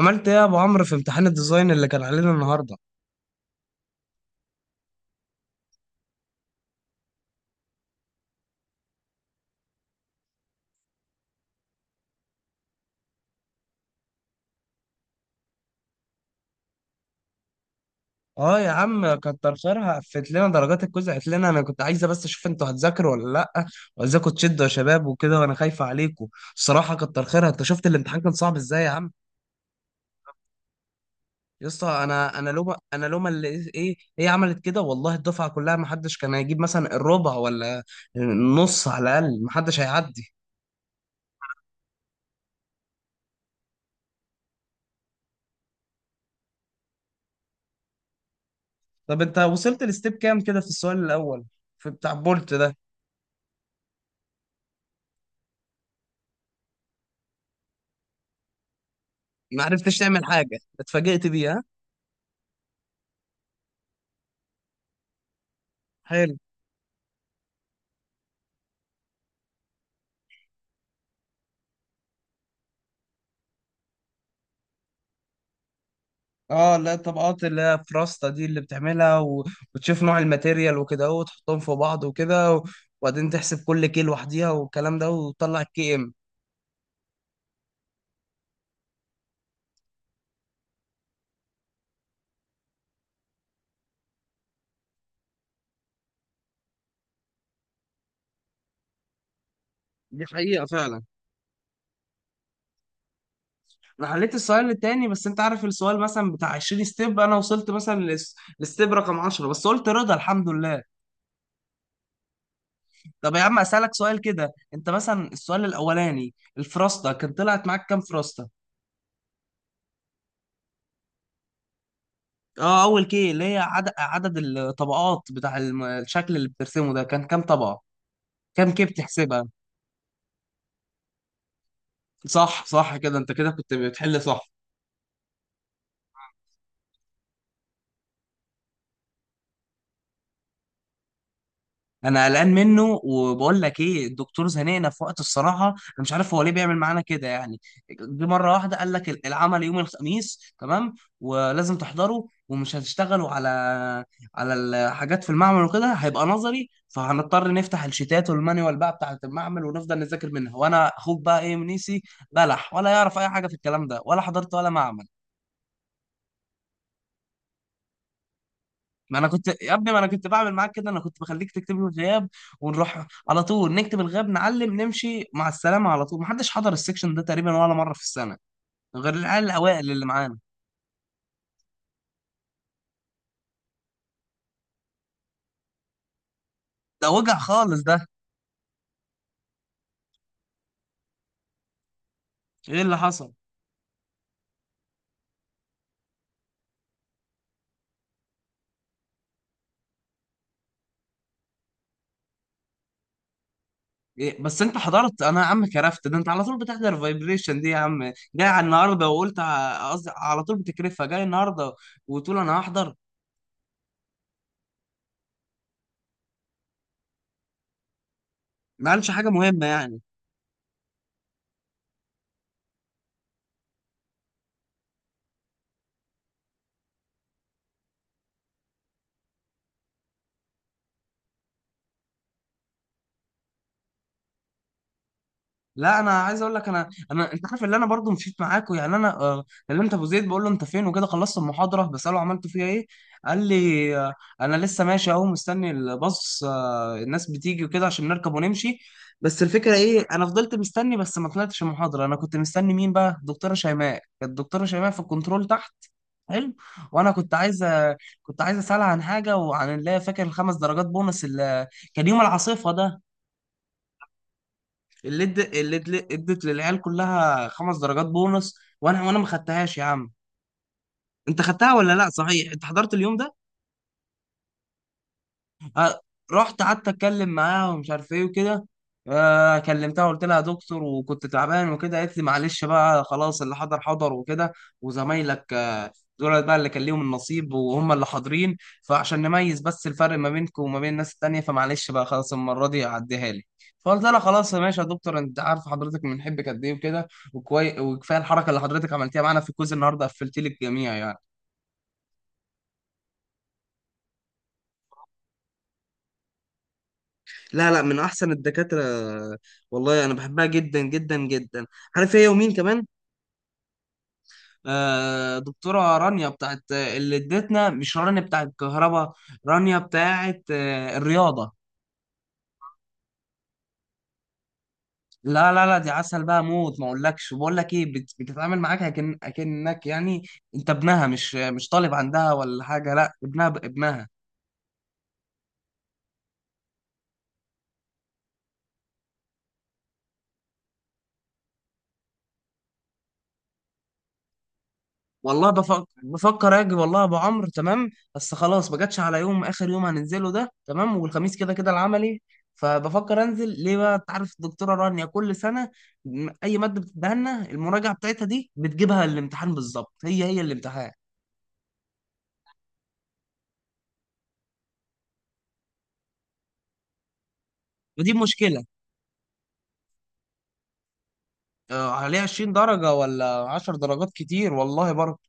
عملت ايه يا ابو عمرو في امتحان الديزاين اللي كان علينا النهارده؟ اه يا عم، كتر خيرها قفلت لنا درجات الكويز. قالت لنا انا كنت عايزه بس اشوف انتوا هتذاكروا ولا لا، وعايزاكم تشدوا يا شباب وكده، وانا خايفه عليكم. الصراحه كتر خيرها. انت شفت الامتحان كان صعب ازاي يا عم؟ يا اسطى، انا لومه، انا لومه اللي ايه هي عملت كده. والله الدفعه كلها ما حدش كان هيجيب مثلا الربع ولا النص، على الاقل ما حدش هيعدي. طب انت وصلت لستيب كام كده في السؤال الاول، في بتاع بولت ده؟ ما عرفتش تعمل حاجه، اتفاجئت بيه، ها؟ حلو. اه لا، الطبقات اللي هي فراستا دي اللي بتعملها وتشوف نوع الماتيريال وكده اهو، وتحطهم في بعض وكده وبعدين تحسب كل كيل لوحديها والكلام ده وتطلع الكي ام. دي حقيقة فعلا. انا حليت السؤال التاني، بس انت عارف السؤال مثلا بتاع 20 ستيب، انا وصلت مثلا لستيب رقم 10 بس، قلت رضا الحمد لله. طب يا عم اسالك سؤال كده، انت مثلا السؤال الاولاني الفراستا كان طلعت معاك كام فراستا؟ اه، اول كي اللي هي عدد عدد الطبقات بتاع الشكل اللي بترسمه ده كان كام طبقة؟ كام، كيف تحسبها؟ صح صح، كده انت كده كنت بتحل صح. انا قلقان منه، وبقول لك ايه، الدكتور زنقنا في وقت. الصراحه انا مش عارف هو ليه بيعمل معانا كده يعني. جه مره واحده قال لك العمل يوم الخميس، تمام، ولازم تحضره، ومش هتشتغلوا على على الحاجات في المعمل وكده، هيبقى نظري، فهنضطر نفتح الشيتات والمانيوال بقى بتاعه المعمل ونفضل نذاكر منها. وانا اخوك بقى، ايه، منيسي بلح، ولا يعرف اي حاجه في الكلام ده، ولا حضرت ولا معمل. ما انا كنت يا ابني، ما انا كنت بعمل معاك كده، انا كنت بخليك تكتب لي الغياب ونروح على طول نكتب الغياب، نعلم، نمشي مع السلامه على طول. محدش حضر السكشن ده تقريبا ولا مره في السنه، غير العيال الاوائل اللي معانا. ده وجع خالص ده. ايه اللي حصل؟ إيه، بس انت حضرت؟ انا يا عم كرفت، ده انت على طول بتحضر فايبريشن دي يا عم، جاي على النهارده وقلت قصدي على طول بتكرفها جاي النهارده وتقول انا هحضر. ما قالش حاجه مهمه يعني. لا انا عايز اقول لك، انا انت عارف، اللي انا برضو مشيت معاكوا يعني، انا كلمت ابو زيد، بقول له انت فين وكده، خلصت المحاضره، بساله عملت فيها ايه. قال لي انا لسه ماشي اهو، مستني الباص، الناس بتيجي وكده عشان نركب ونمشي. بس الفكره ايه، انا فضلت مستني، بس ما طلعتش المحاضره. انا كنت مستني مين بقى؟ الدكتوره شيماء. كانت الدكتوره شيماء في الكنترول تحت. حلو. وانا كنت عايز، كنت عايز اسالها عن حاجه، وعن اللي هي فاكر الخمس درجات بونص اللي كان يوم العاصفه ده، ادت للعيال كلها خمس درجات بونص، وانا ما خدتهاش يا عم. انت خدتها ولا لا؟ صحيح انت حضرت اليوم ده. آه، رحت قعدت اتكلم معاها ومش عارف ايه وكده. كلمتها، قلت لها يا دكتور، وكنت تعبان وكده. قالت لي معلش بقى، خلاص، اللي حضر حضر وكده. وزمايلك دول بقى اللي كان ليهم النصيب، وهم اللي حاضرين، فعشان نميز بس الفرق ما بينكم وما بين الناس التانية، فمعلش بقى، خلاص المرة دي عديها لي. فقلت لها خلاص يا ماشي يا دكتور، انت عارف حضرتك بنحبك قد ايه وكده، وكفايه الحركه اللي حضرتك عملتيها معانا في الكوز النهارده، قفلتي لي الجميع يعني. لا لا، من احسن الدكاتره. والله انا بحبها جدا جدا جدا. عارف هي ومين كمان؟ آه، دكتوره رانيا بتاعت اللي ادتنا، مش رانيا بتاعت الكهرباء، رانيا بتاعت آه الرياضه. لا لا لا، دي عسل بقى موت، ما اقولكش، بقول لك ايه، بتتعامل معاك اكن اكنك يعني انت ابنها، مش طالب عندها ولا حاجه، لا ابنها ابنها. والله بفكر بفكر اجي، والله يا ابو عمرو. تمام. بس خلاص، ما جاتش على يوم، اخر يوم هننزله ده، تمام، والخميس كده كده العملي. فبفكر انزل ليه بقى، انت عارف الدكتوره رانيا كل سنه، اي ماده بتديها لنا المراجعه بتاعتها دي بتجيبها الامتحان بالظبط، هي هي الامتحان. ودي مشكله. عليها 20 درجه ولا 10 درجات، كتير والله برضه.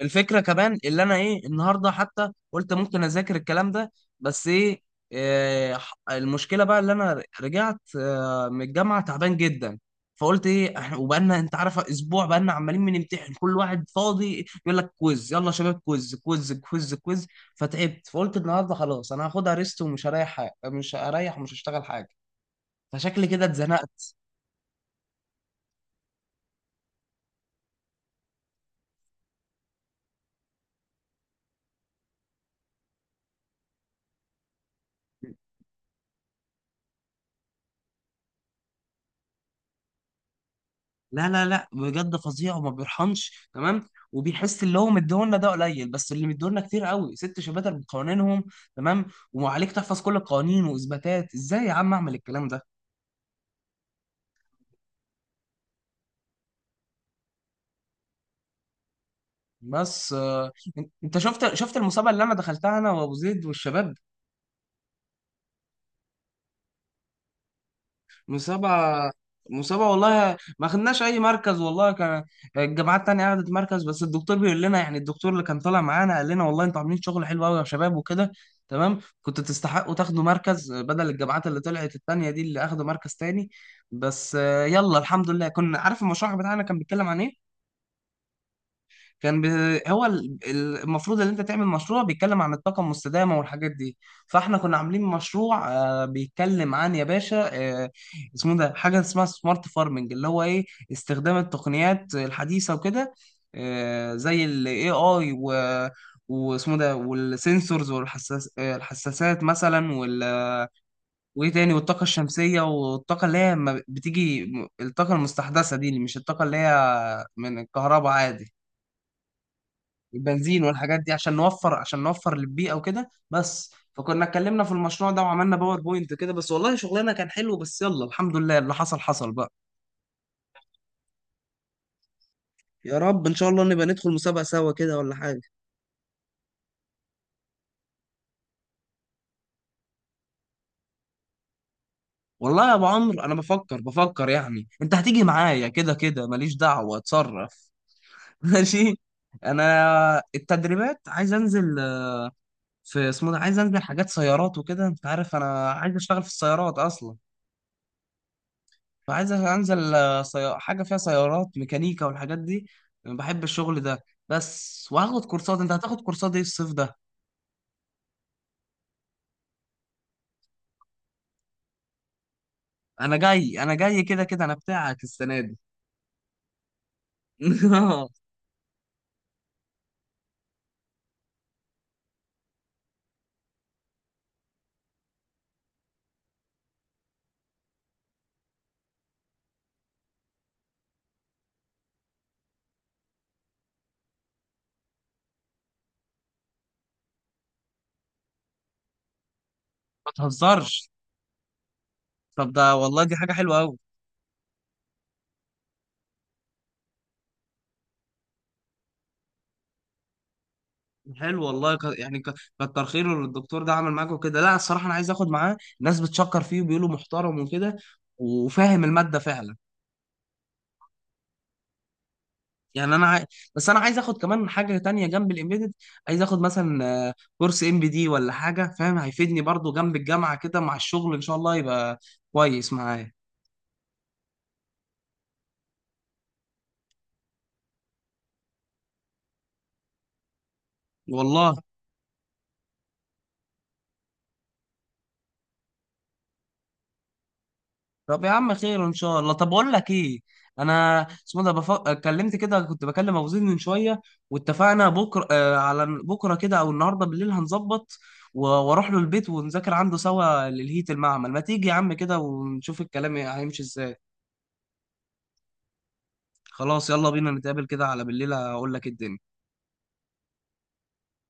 الفكره كمان اللي انا ايه، النهارده حتى قلت ممكن اذاكر الكلام ده، بس ايه، المشكله بقى اللي انا رجعت من الجامعه تعبان جدا، فقلت ايه، احنا وبقالنا انت عارف اسبوع بقالنا عمالين بنمتحن، كل واحد فاضي يقول لك كويز، يلا يا شباب كويز كويز كويز كويز. فتعبت، فقلت النهارده خلاص انا هاخدها ريست، ومش هريح حاجه، مش هريح ومش هشتغل حاجه. فشكلي كده اتزنقت. لا لا لا، بجد فظيع، وما بيرحمش تمام، وبيحس اللي هو مديهولنا ده قليل، بس اللي مديهولنا كتير قوي، ست شباتر بقوانينهم، تمام، وعليك تحفظ كل القوانين واثباتات. ازاي يا عم اعمل الكلام ده؟ بس انت شفت، شفت المسابقه اللي انا دخلتها انا وابو زيد والشباب؟ مسابقة، مسابقة والله ما خدناش أي مركز. والله كان الجامعات التانية أخدت مركز، بس الدكتور بيقول لنا، يعني الدكتور اللي كان طالع معانا قال لنا، والله أنتوا عاملين شغل حلو أوي يا شباب وكده، تمام، كنتوا تستحقوا تاخدوا مركز بدل الجامعات اللي طلعت التانية دي اللي أخدوا مركز تاني. بس يلا الحمد لله. كنا عارف المشروع بتاعنا كان بيتكلم عن إيه؟ كان ب... هو المفروض ان انت تعمل مشروع بيتكلم عن الطاقه المستدامه والحاجات دي، فاحنا كنا عاملين مشروع بيتكلم عن، يا باشا، آه، اسمه ده حاجه اسمها سمارت فارمنج، اللي هو ايه، استخدام التقنيات الحديثه وكده، زي الاي اي و واسمه ده، والسنسورز والحساس الحساسات مثلا وايه تاني، والطاقه الشمسيه، والطاقه اللي هي ما بتيجي، الطاقه المستحدثه دي، اللي مش الطاقه اللي هي من الكهرباء عادي، البنزين والحاجات دي، عشان نوفر، عشان نوفر للبيئة وكده بس. فكنا اتكلمنا في المشروع ده وعملنا باور بوينت كده بس، والله شغلنا كان حلو، بس يلا الحمد لله، اللي حصل حصل بقى. يا رب ان شاء الله نبقى ندخل مسابقة سوا كده ولا حاجة. والله يا ابو عمرو، انا بفكر بفكر، يعني انت هتيجي معايا كده كده، ماليش دعوة، اتصرف. ماشي. انا التدريبات عايز انزل في اسمه ده، عايز انزل حاجات سيارات وكده، انت عارف انا عايز اشتغل في السيارات اصلا، فعايز انزل حاجه فيها سيارات، ميكانيكا والحاجات دي. أنا بحب الشغل ده بس. وهاخد كورسات، انت هتاخد كورسات ايه الصيف ده؟ انا جاي انا جاي كده كده، انا بتاعك السنه دي. ما تهزرش. طب ده والله دي حاجه حلوه قوي. حلو والله، كتر خيره اللي الدكتور ده عمل معاكوا كده، لا الصراحه انا عايز اخد معاه، ناس بتشكر فيه وبيقولوا محترم وكده، وفاهم الماده فعلا. يعني انا عاي... بس انا عايز اخد كمان حاجه تانية جنب الامبيدد، عايز اخد مثلا كورس ام بي دي ولا حاجه، فاهم، هيفيدني برضو جنب الجامعه كده مع الشغل، ان شاء الله يبقى كويس معايا. والله طب يا عم خير ان شاء الله. طب اقول لك ايه، انا اسمه ده بف... اتكلمت كده، كنت بكلم ابو زيد من شويه، واتفقنا بكره على بكره كده او النهارده بالليل هنظبط، واروح له البيت ونذاكر عنده سوا للهيت، المعمل ما تيجي يا عم كده، ونشوف الكلام إيه، هيمشي ازاي. خلاص يلا بينا، نتقابل كده على بالليل هقول لك الدنيا.